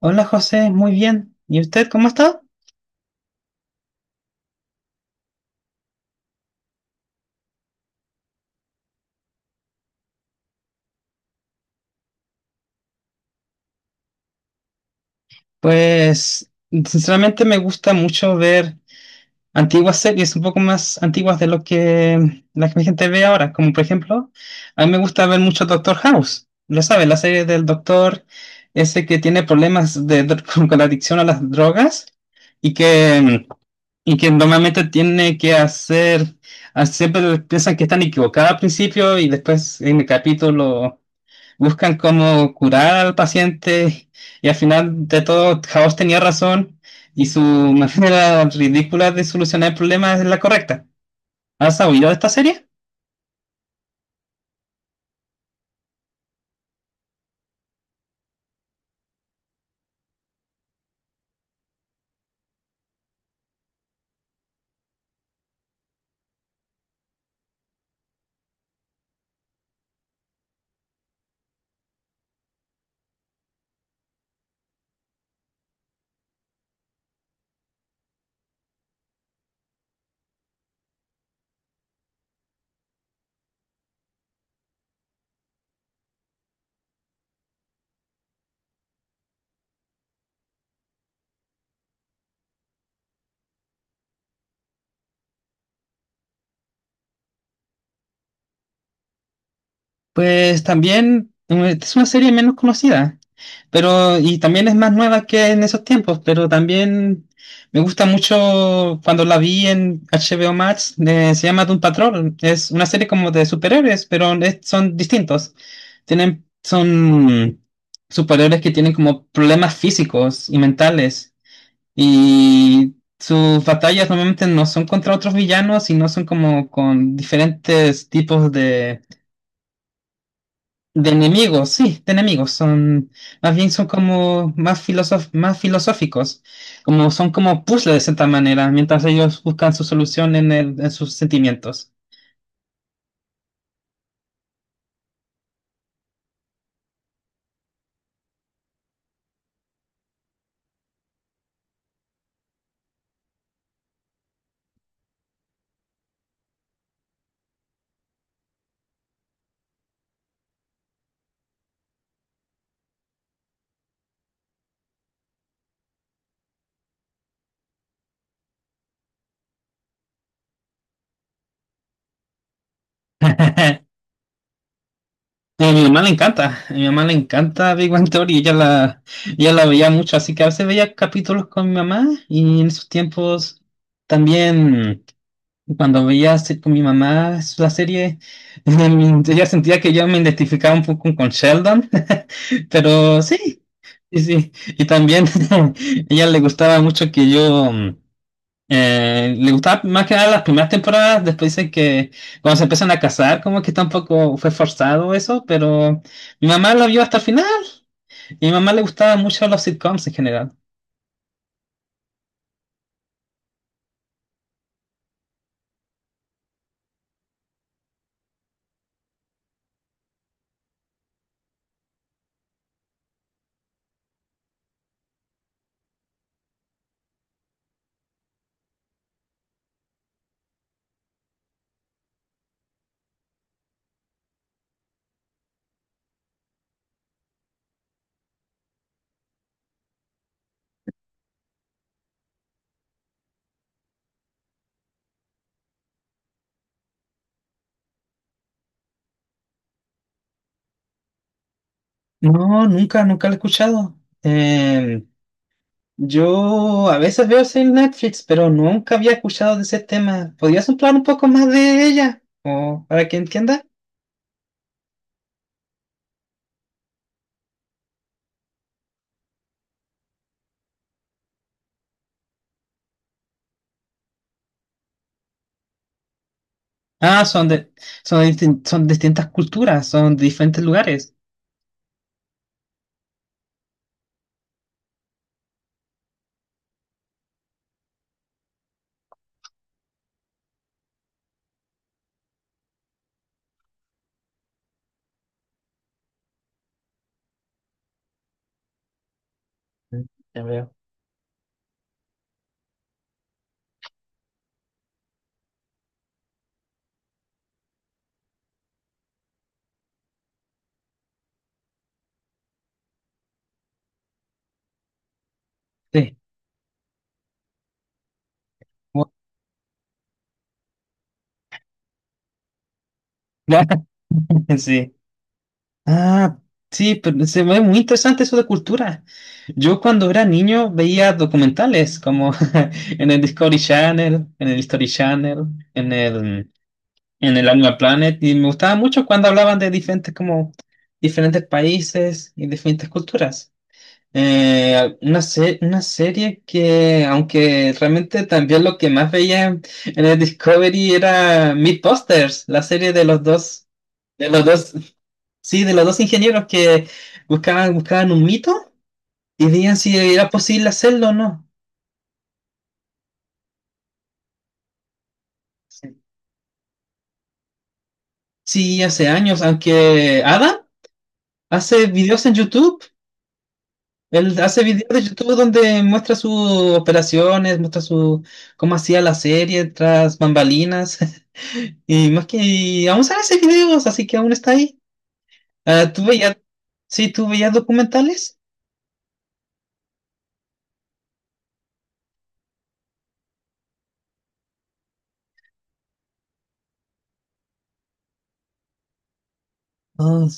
Hola José, muy bien. ¿Y usted cómo está? Pues sinceramente me gusta mucho ver antiguas series, un poco más antiguas de lo que la gente ve ahora, como por ejemplo, a mí me gusta ver mucho Doctor House, lo sabe, la serie del doctor ese que tiene problemas de, con la adicción a las drogas y que, y que normalmente tiene que hacer, siempre piensan que están equivocados al principio y después en el capítulo, buscan cómo curar al paciente y al final de todo House tenía razón y su manera ridícula de solucionar el problema es la correcta. ¿Has oído de esta serie? Pues también es una serie menos conocida. Pero, y también es más nueva que en esos tiempos, pero también me gusta mucho cuando la vi en HBO Max. Se llama Doom Patrol. Es una serie como de superhéroes, pero son distintos. Son superhéroes que tienen como problemas físicos y mentales. Y sus batallas normalmente no son contra otros villanos, sino son como con diferentes tipos de enemigos, sí, de enemigos. Son, más bien son como más filosóficos. Como son como puzzles de cierta manera, mientras ellos buscan su solución en en sus sentimientos. A mi mamá le encanta, a mi mamá le encanta Big Bang Theory, ella la veía mucho, así que a veces veía capítulos con mi mamá y en esos tiempos también cuando veía con mi mamá la serie, ella sentía que yo me identificaba un poco con Sheldon, pero sí, sí, sí. Y también a ella le gustaba mucho que yo, le gustaba más que nada las primeras temporadas, después dice que cuando se empiezan a casar, como que tampoco fue forzado eso, pero mi mamá la vio hasta el final y a mi mamá le gustaban mucho los sitcoms en general. No, nunca, nunca lo he escuchado. Yo a veces veo series en Netflix, pero nunca había escuchado de ese tema. ¿Podrías hablar un poco más de ella? O para que entienda. Ah, son de, son de son distintas culturas, son de diferentes lugares. Mm, ya veo. Sí. Bu- Sí. Ah, sí, pero se ve muy interesante eso de cultura. Yo cuando era niño veía documentales como en el Discovery Channel, en el History Channel, en el, en el Animal Planet, y me gustaba mucho cuando hablaban de diferentes como diferentes países y diferentes culturas. Una serie que, aunque realmente también lo que más veía en el Discovery era Mythbusters, la serie de los dos, sí, de los dos ingenieros que buscaban, buscaban un mito y veían si era posible hacerlo o no. Sí, hace años, aunque Adam hace videos en YouTube, él hace videos de YouTube donde muestra sus operaciones, cómo hacía la serie tras bambalinas. Y más que y aún salen esos videos, así que aún está ahí. Ah, ¿tú veías, sí, ¿tú veías documentales? Ah,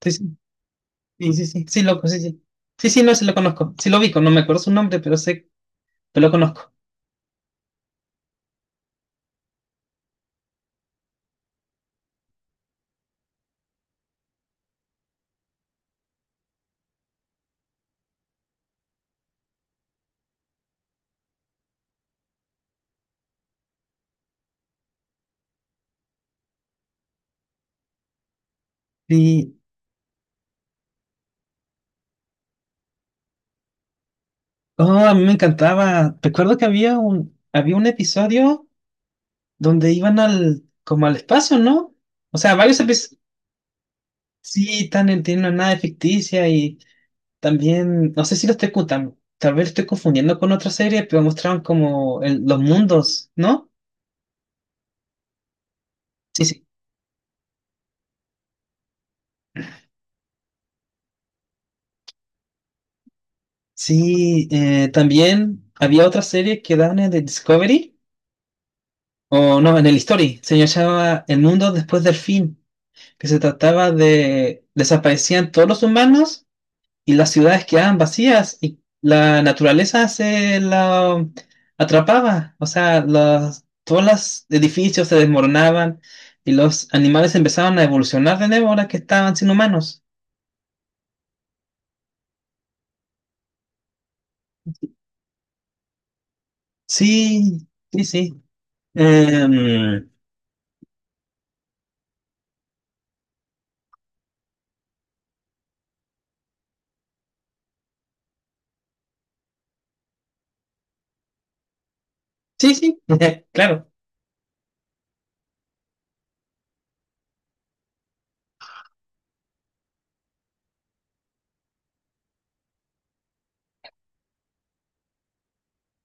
sí, sí, sí, sí, sí, sí, loco, sí, sí. Sí, sí, no, sí lo conozco. Sí lo vi, no me acuerdo su nombre, pero sé, pero lo conozco. Y, oh, a mí me encantaba. Recuerdo que había un episodio donde iban al, como al espacio, ¿no? O sea, varios episodios, sí, tienen una nave ficticia y también, no sé si lo estoy tal vez lo estoy confundiendo con otra serie, pero mostraron como los mundos, ¿no? Sí, sí. Sí, también había otra serie que daban en el Discovery, o no, en el History, se llamaba El mundo después del fin, que se trataba de desaparecían todos los humanos y las ciudades quedaban vacías y la naturaleza se la atrapaba. O sea, todos los edificios se desmoronaban y los animales empezaban a evolucionar de nuevo ahora que estaban sin humanos. Sí, sí, sí. Em, sí, sí, claro.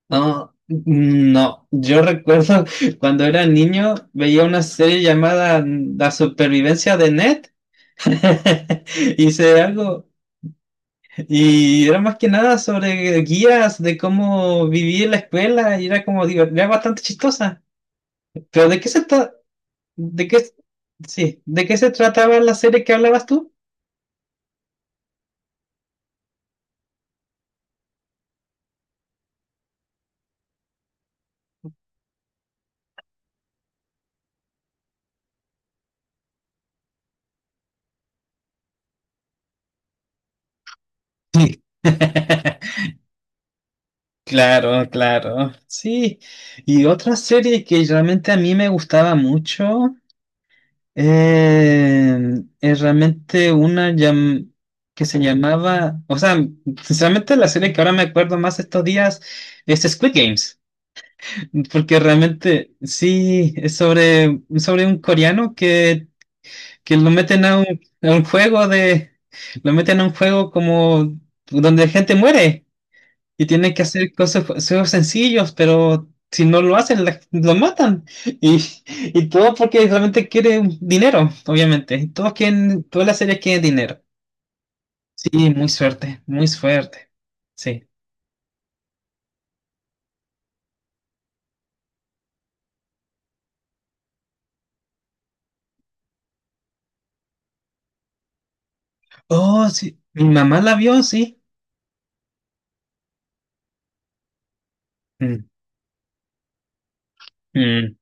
No, no, yo recuerdo cuando era niño veía una serie llamada La supervivencia de Ned. Hice algo, y era más que nada sobre guías de cómo vivir en la escuela y era como, digo, era bastante chistosa. Pero ¿de qué se trata? ¿De qué? Sí, ¿de qué se trataba la serie que hablabas tú? Sí. Claro, claro, sí. Y otra serie que realmente a mí me gustaba mucho eh, es realmente que se llamaba, o sea, sinceramente la serie que ahora me acuerdo más estos días es Squid Games. Porque realmente sí, es sobre un coreano que lo meten a un juego de, lo meten a un juego como donde gente muere y tiene que hacer cosas, juegos sencillos, pero si no lo hacen, lo matan. Y todo porque realmente quiere dinero, obviamente. Todos quieren, todas las series quieren dinero. Sí, muy suerte, muy suerte. Sí. Oh, sí, mi mamá la vio, sí. Mm, mm.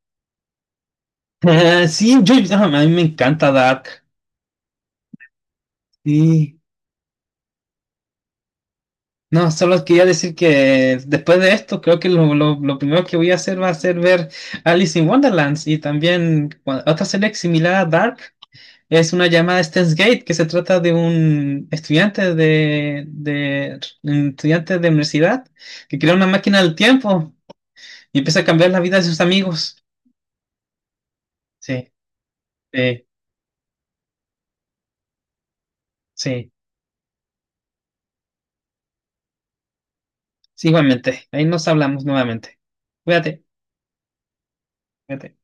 Sí, yo, ah, a mí me encanta Dark. Sí. No, solo quería decir que después de esto, creo que lo primero que voy a hacer va a ser ver Alice in Wonderlands y también otra serie similar a Dark. Es una llamada Steins Gate que se trata de un estudiante de un estudiante de universidad que crea una máquina del tiempo y empieza a cambiar la vida de sus amigos. Sí, sí, sí, sí, igualmente. Ahí nos hablamos nuevamente. Cuídate, cuídate.